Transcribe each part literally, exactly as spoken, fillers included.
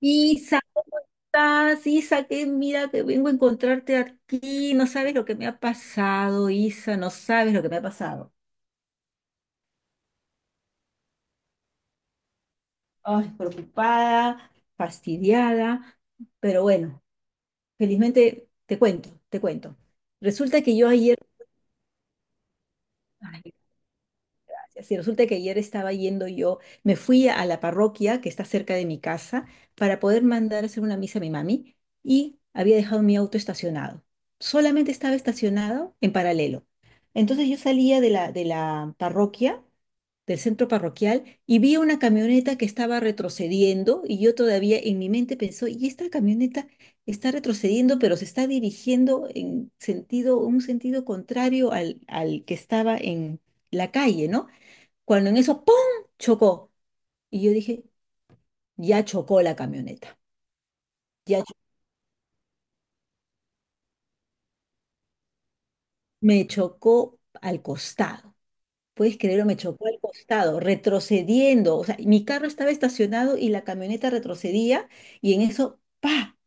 Isa, ¿cómo estás? Isa, que mira que vengo a encontrarte aquí. No sabes lo que me ha pasado, Isa, no sabes lo que me ha pasado. Ay, preocupada, fastidiada, pero bueno, felizmente te cuento, te cuento. Resulta que yo ayer, ay, gracias. Y resulta que ayer estaba yendo yo, me fui a la parroquia que está cerca de mi casa para poder mandar a hacer una misa a mi mami y había dejado mi auto estacionado. Solamente estaba estacionado en paralelo. Entonces yo salía de la, de la parroquia, del centro parroquial, y vi una camioneta que estaba retrocediendo y yo todavía en mi mente pensó, y esta camioneta está retrocediendo, pero se está dirigiendo en sentido, un sentido contrario al, al que estaba en la calle, ¿no? Cuando en eso, ¡pum!, chocó. Y yo dije, ya chocó la camioneta. Ya cho- Me chocó al costado. ¿Puedes creerlo? Me chocó al costado, retrocediendo. O sea, mi carro estaba estacionado y la camioneta retrocedía y en eso, ¡pa!,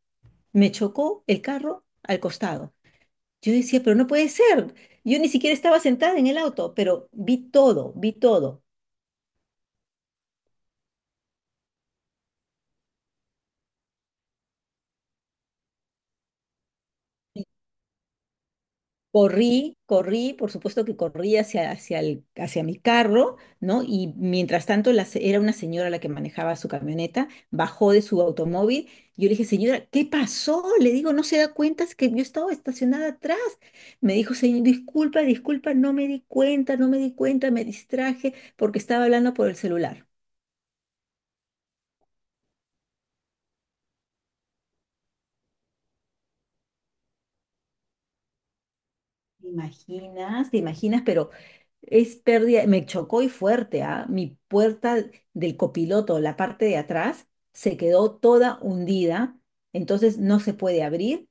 me chocó el carro al costado. Yo decía, pero no puede ser. Yo ni siquiera estaba sentada en el auto, pero vi todo, vi todo. Corrí, corrí, por supuesto que corrí hacia, hacia, el- hacia mi carro, ¿no? Y mientras tanto la se- era una señora la que manejaba su camioneta, bajó de su automóvil. Yo le dije, señora, ¿qué pasó? Le digo, ¿no se da cuenta? Es que yo estaba estacionada atrás. Me dijo, señor, disculpa, disculpa, no me di cuenta, no me di cuenta, me distraje porque estaba hablando por el celular. Te imaginas, te imaginas, pero es pérdida, me chocó y fuerte, ¿ah? Mi puerta del copiloto, la parte de atrás, se quedó toda hundida, entonces no se puede abrir.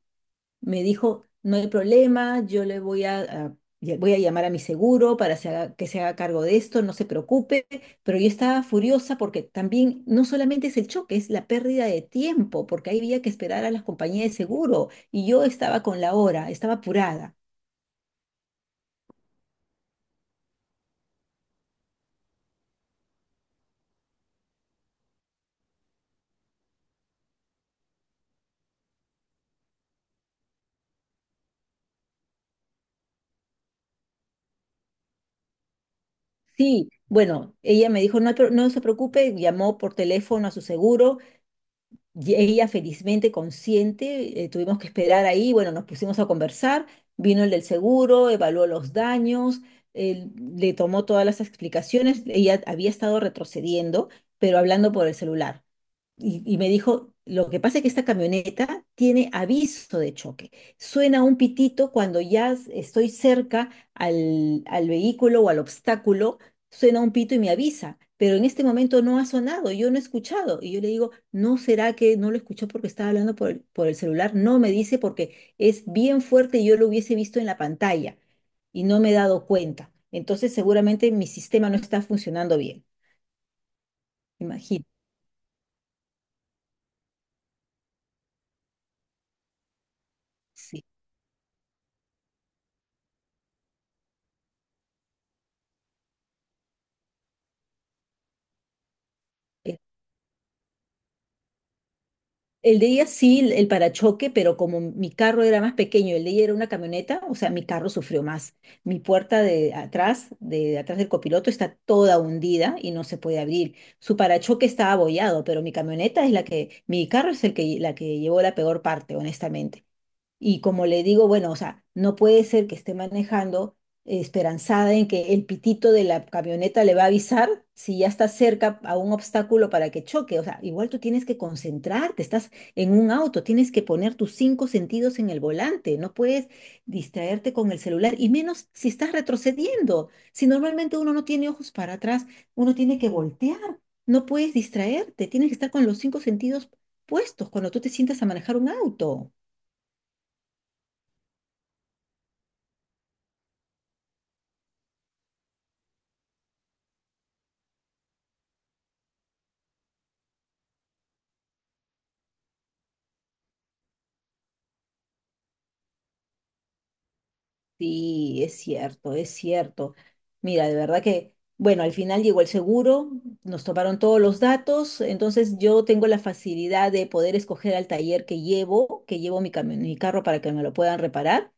Me dijo, no hay problema, yo le voy a, a- ya- voy a llamar a mi seguro para se haga- que se haga cargo de esto, no se preocupe, pero yo estaba furiosa porque también no solamente es el choque, es la pérdida de tiempo, porque ahí había que esperar a las compañías de seguro y yo estaba con la hora, estaba apurada. Sí, bueno, ella me dijo, no, te- no se preocupe, llamó por teléfono a su seguro, y ella felizmente consciente, eh, tuvimos que esperar ahí, bueno, nos pusimos a conversar, vino el del seguro, evaluó los daños, él le tomó todas las explicaciones, ella había estado retrocediendo, pero hablando por el celular. Y, y me dijo, lo que pasa es que esta camioneta tiene aviso de choque. Suena un pitito cuando ya s- estoy cerca al, al vehículo o al obstáculo, suena un pito y me avisa, pero en este momento no ha sonado, yo no he escuchado. Y yo le digo, ¿no será que no lo escuchó porque estaba hablando por el, por el celular? No, me dice, porque es bien fuerte y yo lo hubiese visto en la pantalla y no me he dado cuenta. Entonces seguramente mi sistema no está funcionando bien. Imagínate. Sí. El de ella sí, el el parachoque, pero como mi carro era más pequeño, el de ella era una camioneta, o sea, mi carro sufrió más. Mi puerta de atrás, de atrás del copiloto, está toda hundida y no se puede abrir. Su parachoque está abollado, pero mi camioneta es la que, mi carro es el que, la que llevó la peor parte, honestamente. Y como le digo, bueno, o sea, no puede ser que esté manejando eh, esperanzada en que el pitito de la camioneta le va a avisar si ya está cerca a un obstáculo para que choque. O sea, igual tú tienes que concentrarte, estás en un auto, tienes que poner tus cinco sentidos en el volante, no puedes distraerte con el celular, y menos si estás retrocediendo. Si normalmente uno no tiene ojos para atrás, uno tiene que voltear, no puedes distraerte, tienes que estar con los cinco sentidos puestos cuando tú te sientas a manejar un auto. Sí, es cierto, es cierto. Mira, de verdad que, bueno, al final llegó el seguro, nos tomaron todos los datos, entonces yo tengo la facilidad de poder escoger al taller que llevo, que llevo mi, cami- mi carro para que me lo puedan reparar.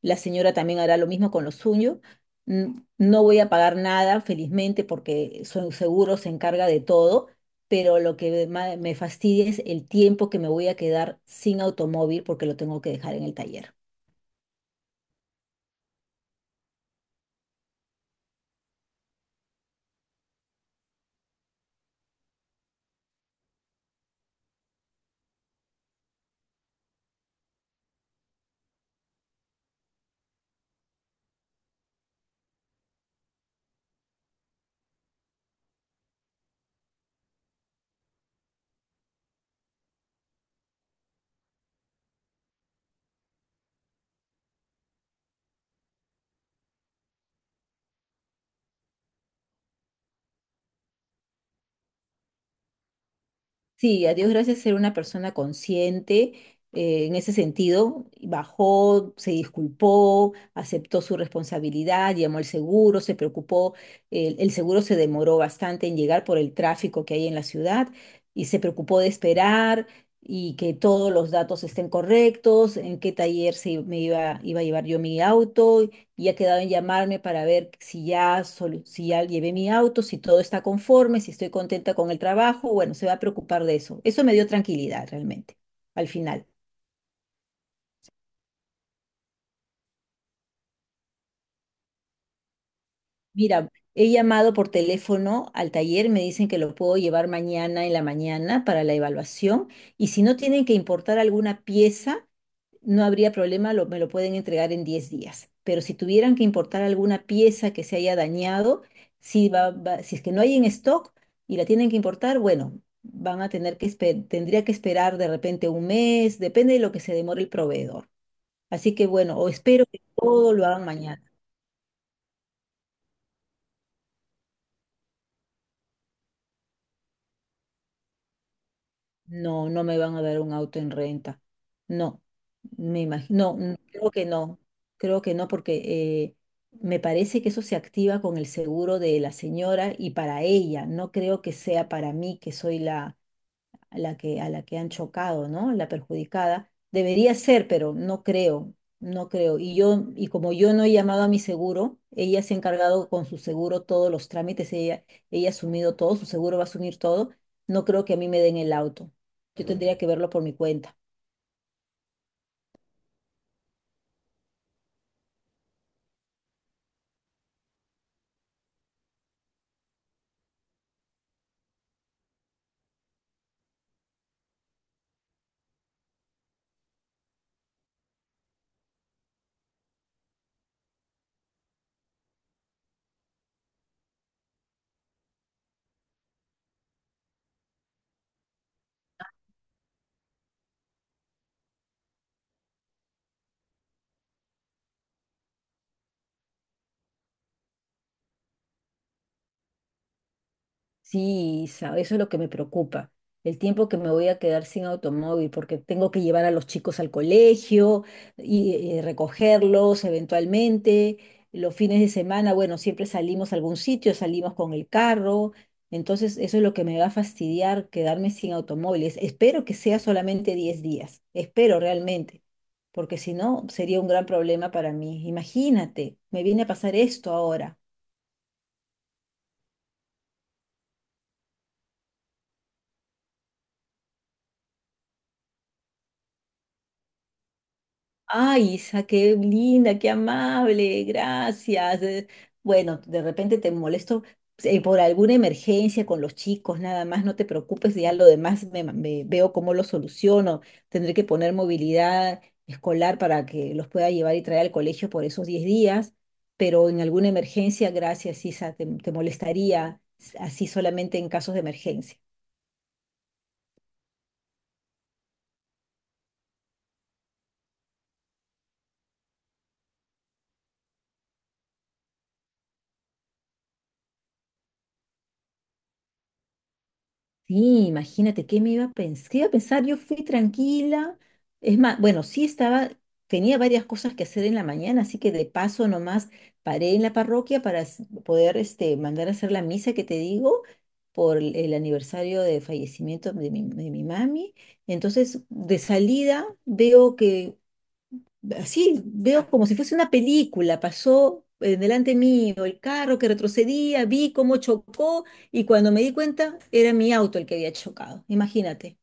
La señora también hará lo mismo con lo suyo. Mm, no voy a pagar nada, felizmente, porque su seguro se encarga de todo, pero lo que ma- me fastidia es el tiempo que me voy a quedar sin automóvil porque lo tengo que dejar en el taller. Sí, a Dios gracias ser una persona consciente eh, en ese sentido. Bajó, se disculpó, aceptó su responsabilidad, llamó al seguro, se preocupó. El, el seguro se demoró bastante en llegar por el tráfico que hay en la ciudad y se preocupó de esperar y que todos los datos estén correctos, en qué taller se, me iba, iba a llevar yo mi auto y ha quedado en llamarme para ver si ya, solu- si ya llevé mi auto, si todo está conforme, si estoy contenta con el trabajo. Bueno, se va a preocupar de eso. Eso me dio tranquilidad realmente, al final. Mira, he llamado por teléfono al taller, me dicen que lo puedo llevar mañana en la mañana para la evaluación y si no tienen que importar alguna pieza, no habría problema, lo- me lo pueden entregar en diez días. Pero si tuvieran que importar alguna pieza que se haya dañado, si, va, va- si es que no hay en stock y la tienen que importar, bueno, van a tener que esper- tendría que esperar de repente un mes, depende de lo que se demore el proveedor. Así que bueno, o espero que todo lo hagan mañana. No, no me van a dar un auto en renta. No, me imagino, no, mm, creo que no, creo que no, porque eh, me parece que eso se activa con el seguro de la señora y para ella, no creo que sea para mí, que soy la, a la que, a la que han chocado, ¿no? La perjudicada. Debería ser, pero no creo, no creo. Y yo, y como yo no he llamado a mi seguro, ella se ha encargado con su seguro todos los trámites, ella, ella ha asumido todo, su seguro va a asumir todo, no creo que a mí me den el auto. Yo Mm. tendría que verlo por mi cuenta. Sí, Isa, eso es lo que me preocupa. El tiempo que me voy a quedar sin automóvil, porque tengo que llevar a los chicos al colegio y, eh, recogerlos eventualmente. Los fines de semana, bueno, siempre salimos a algún sitio, salimos con el carro. Entonces, eso es lo que me va a fastidiar, quedarme sin automóviles. Espero que sea solamente diez días. Espero realmente, porque si no, sería un gran problema para mí. Imagínate, me viene a pasar esto ahora. Ay, Isa, qué linda, qué amable, gracias. Eh, Bueno, de repente te molesto eh, por alguna emergencia con los chicos, nada más, no te preocupes, ya lo demás me, ma- me veo cómo lo soluciono. Tendré que poner movilidad escolar para que los pueda llevar y traer al colegio por esos diez días, pero en alguna emergencia, gracias, Isa, te, te molestaría s- así solamente en casos de emergencia. Sí, imagínate qué me iba a pensar. ¿Qué iba a pensar? Yo fui tranquila. Es más, bueno, sí estaba, tenía varias cosas que hacer en la mañana, así que de paso nomás paré en la parroquia para s- poder este, mandar a hacer la misa que te digo por el el aniversario de fallecimiento de mi, de mi mami. Entonces, de salida veo que, así veo como si fuese una película. Pasó, eh, delante mío el carro que retrocedía, vi cómo chocó y cuando me di cuenta era mi auto el que había chocado. Imagínate.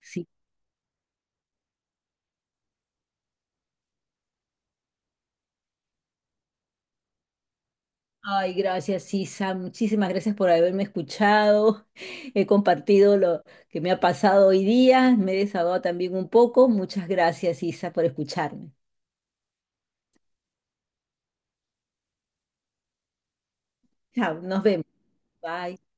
Sí. Ay, gracias, Isa. Muchísimas gracias por haberme escuchado. He compartido lo que me ha pasado hoy día. Me he desahogado también un poco. Muchas gracias, Isa, por escucharme. Chao, nos vemos. Bye.